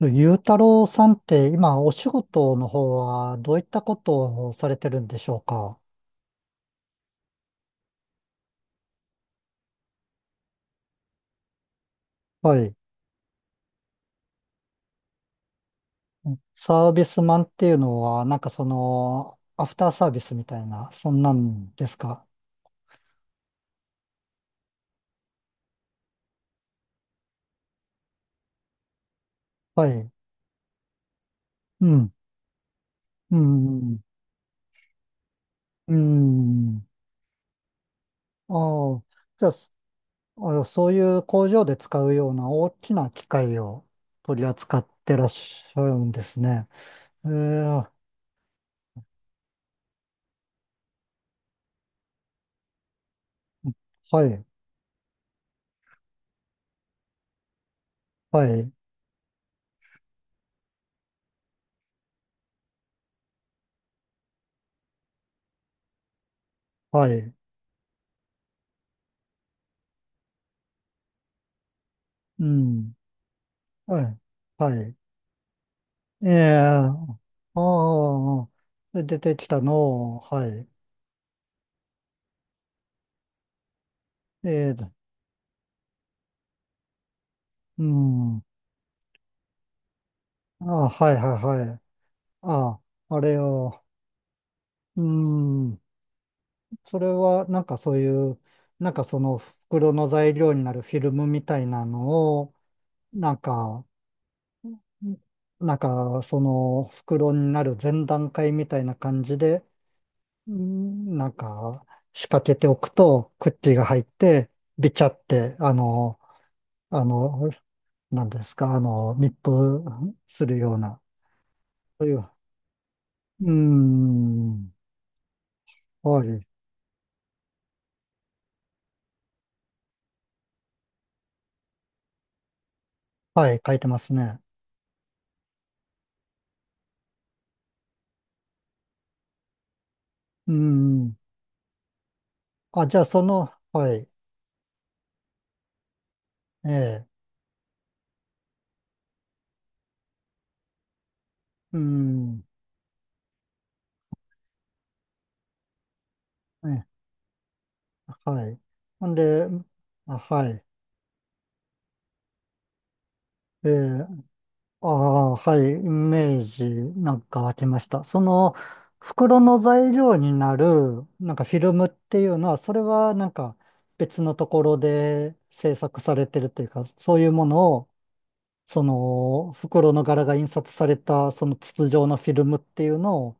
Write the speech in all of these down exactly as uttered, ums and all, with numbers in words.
ゆうたろうさんって今お仕事の方はどういったことをされてるんでしょうか？はい。サービスマンっていうのはなんかそのアフターサービスみたいな、そんなんですか？はい。うん。うん。うん。ああ。じゃあ、そあの、そういう工場で使うような大きな機械を取り扱ってらっしゃるんですね。ええ、はい。はい。はい。うん。はい。はい。ええ、ああ、で出てきたのを、はい。ええ、うん。ああ、はいはいはい。ああ、あれを、うん。それは、なんかそういう、なんかその袋の材料になるフィルムみたいなのを、なんか、なんかその袋になる前段階みたいな感じで、うん、なんか仕掛けておくと、クッキーが入って、ビチャって、あの、あの、なんですか、あの、密封するような、そういう、うーん、はい、はい、書いてますね。うーん、あ、じゃあその、はい、ええ、うーん、ね、はい。んで、あ、はい、ええ、ああ、はい、イメージなんか湧きました。その、袋の材料になる、なんかフィルムっていうのは、それはなんか別のところで制作されてるというか、そういうものを、その袋の柄が印刷されたその筒状のフィルムっていうのを、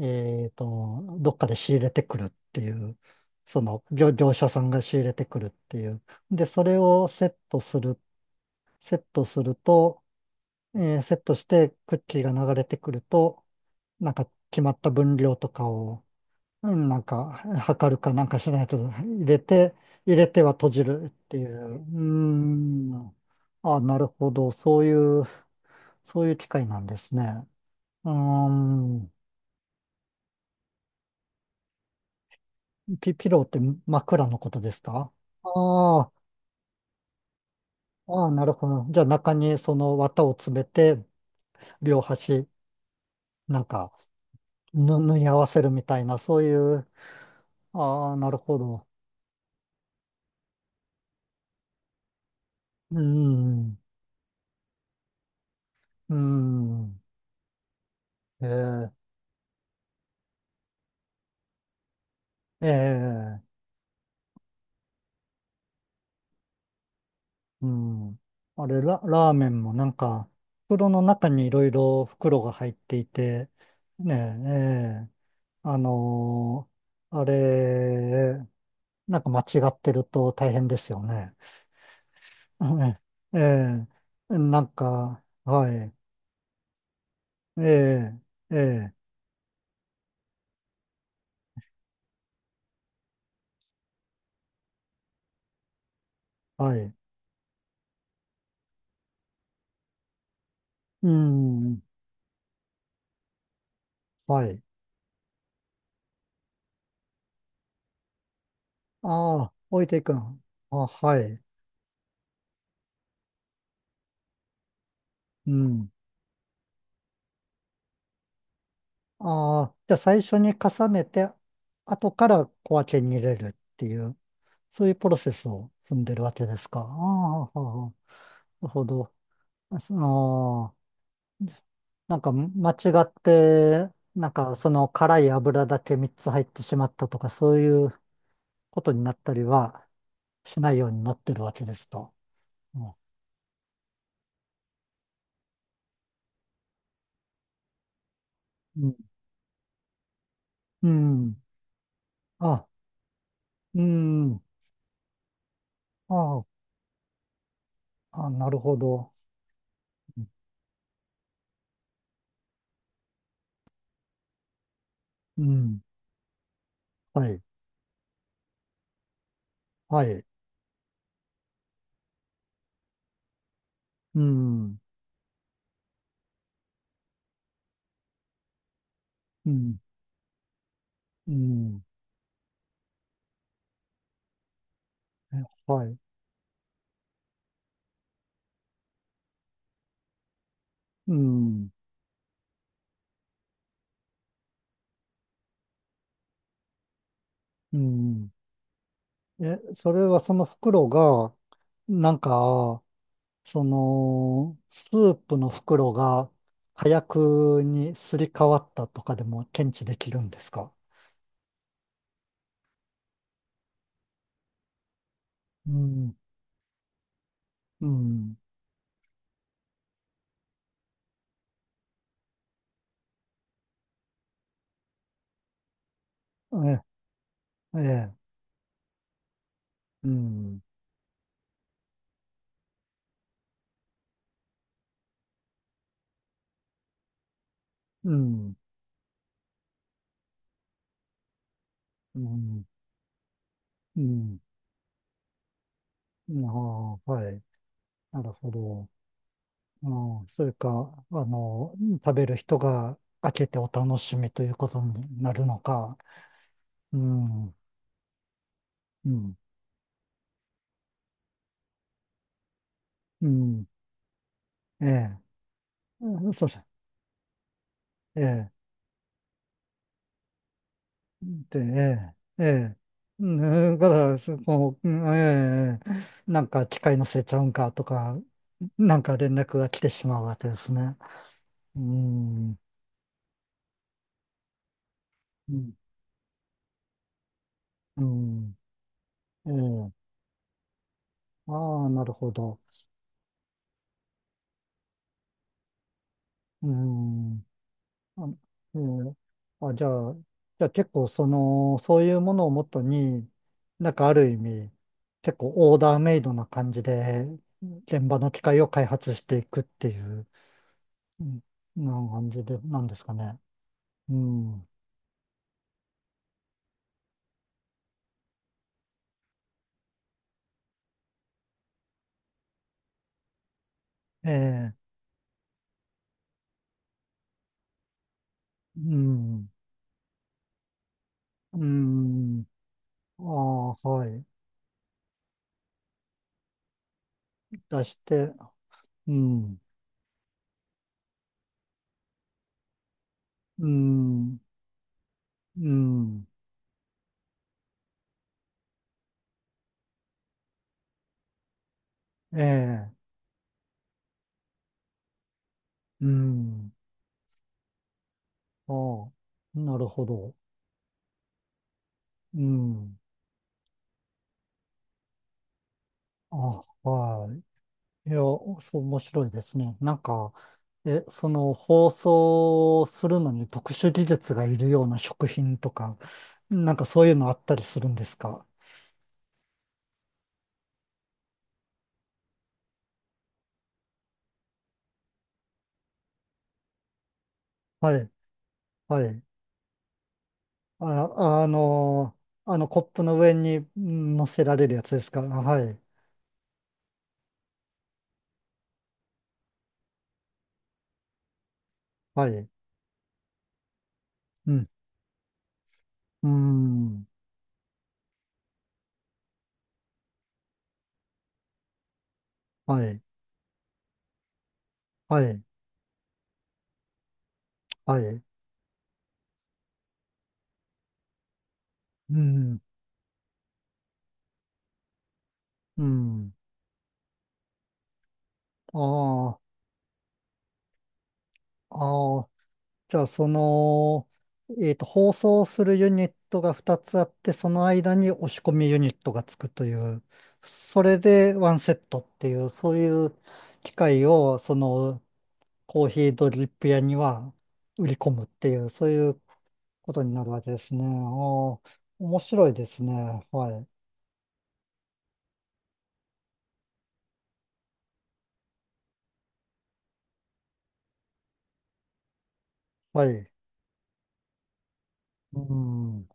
えっと、どっかで仕入れてくるっていう、その業、業者さんが仕入れてくるっていう。で、それをセットする、セットすると、えーセットしてクッキーが流れてくると、なんか決まった分量とかを、うんなんか測るかなんかしないと入れて、入れては閉じるっていう。うーん。あ、なるほど。そういう。そういう機械なんですね。うーん、ピ、ピローって枕のことですか？ああ、ああ、なるほど。じゃあ中にその綿を詰めて、両端、なんか、ぬ、縫い合わせるみたいな、そういう、ああ、なるほど。うーん、うーん、ええ、ええ、うん。あれ、ラ、ラーメンもなんか、袋の中にいろいろ袋が入っていて、ねえ、ええ、あのーあれ、なんか間違ってると大変ですよね。はい、ええ、なんか、はい、ええ、ええ、はい、うん、はい。ああ、置いていくの。あ、はい、うん。ああ、じゃあ最初に重ねて、後から小分けに入れるっていう、そういうプロセスを踏んでるわけですか。ああ、はあはあなるほど。ああ、なんか間違って、なんかその辛い油だけみっつ入ってしまったとか、そういうことになったりはしないようになってるわけですと。うん。うん。うんあ、うん。あ、あ、なるほど。うん。はい。はい。うん。うん。うん。えはい。うん。うん。え、それはその袋が、なんか、その、スープの袋が火薬にすり替わったとかでも検知できるんですか？うん、うん、え、ええ、うん、うん、うん、うん、うん、ああ、はい、なるほど。ああ、それか、あの、食べる人が開けてお楽しみということになるのか。うん、うん、うん、ええ、うんそし、ええ。で、ええ、ええ、うんだから、そこう、んええ、なんか機械のせいちゃうんかとか、なんか連絡が来てしまうわけですね。うん、うん、うん、ええ、ああ、なるほど。うん、あ、ええ、あ、じゃあ、じゃあ結構その、そういうものをもとに、なんかある意味、結構オーダーメイドな感じで、現場の機械を開発していくっていう。うん。な感じで、なんですかね。うん。ええ、うん。うん。ああ、はい。出して、うん。うん。うん。ええ、うん。ああ、なるほど。うん。あ、はい。いや、そう、面白いですね。なんか、え、その、包装するのに特殊技術がいるような食品とか、なんかそういうのあったりするんですか？はい。はい。あ、あの、あのコップの上にん乗せられるやつですか。はい。はい。うん。うん。はい。はい。はい。うん。うん。ああ。ああ。じゃあ、その、えっと、放送するユニットがふたつあって、その間に押し込みユニットがつくという、それでワンセットっていう、そういう機械を、その、コーヒードリップ屋には売り込むっていう、そういうことになるわけですね。ああ、面白いですね。はい。はい。うん。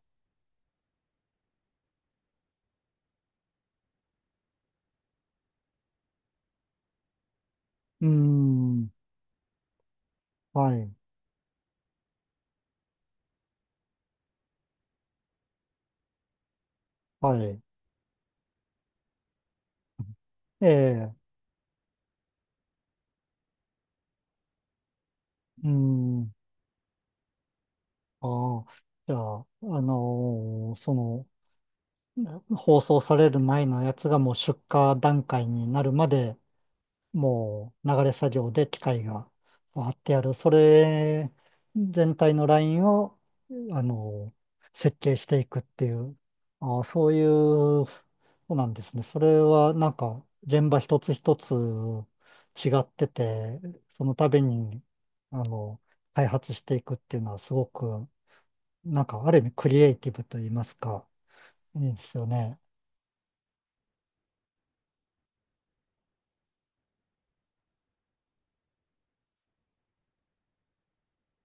うん。はい。はい。ええ。うん。ああ。じゃあ、あのーその、放送される前のやつがもう出荷段階になるまでもう流れ作業で機械がわーってやる。それ全体のラインを、あの、設計していくっていう、あーそういう、そうなんですね。それはなんか現場一つ一つ違ってて、その度に、あの、開発していくっていうのはすごく、なんかある意味クリエイティブと言いますか、いいですよね。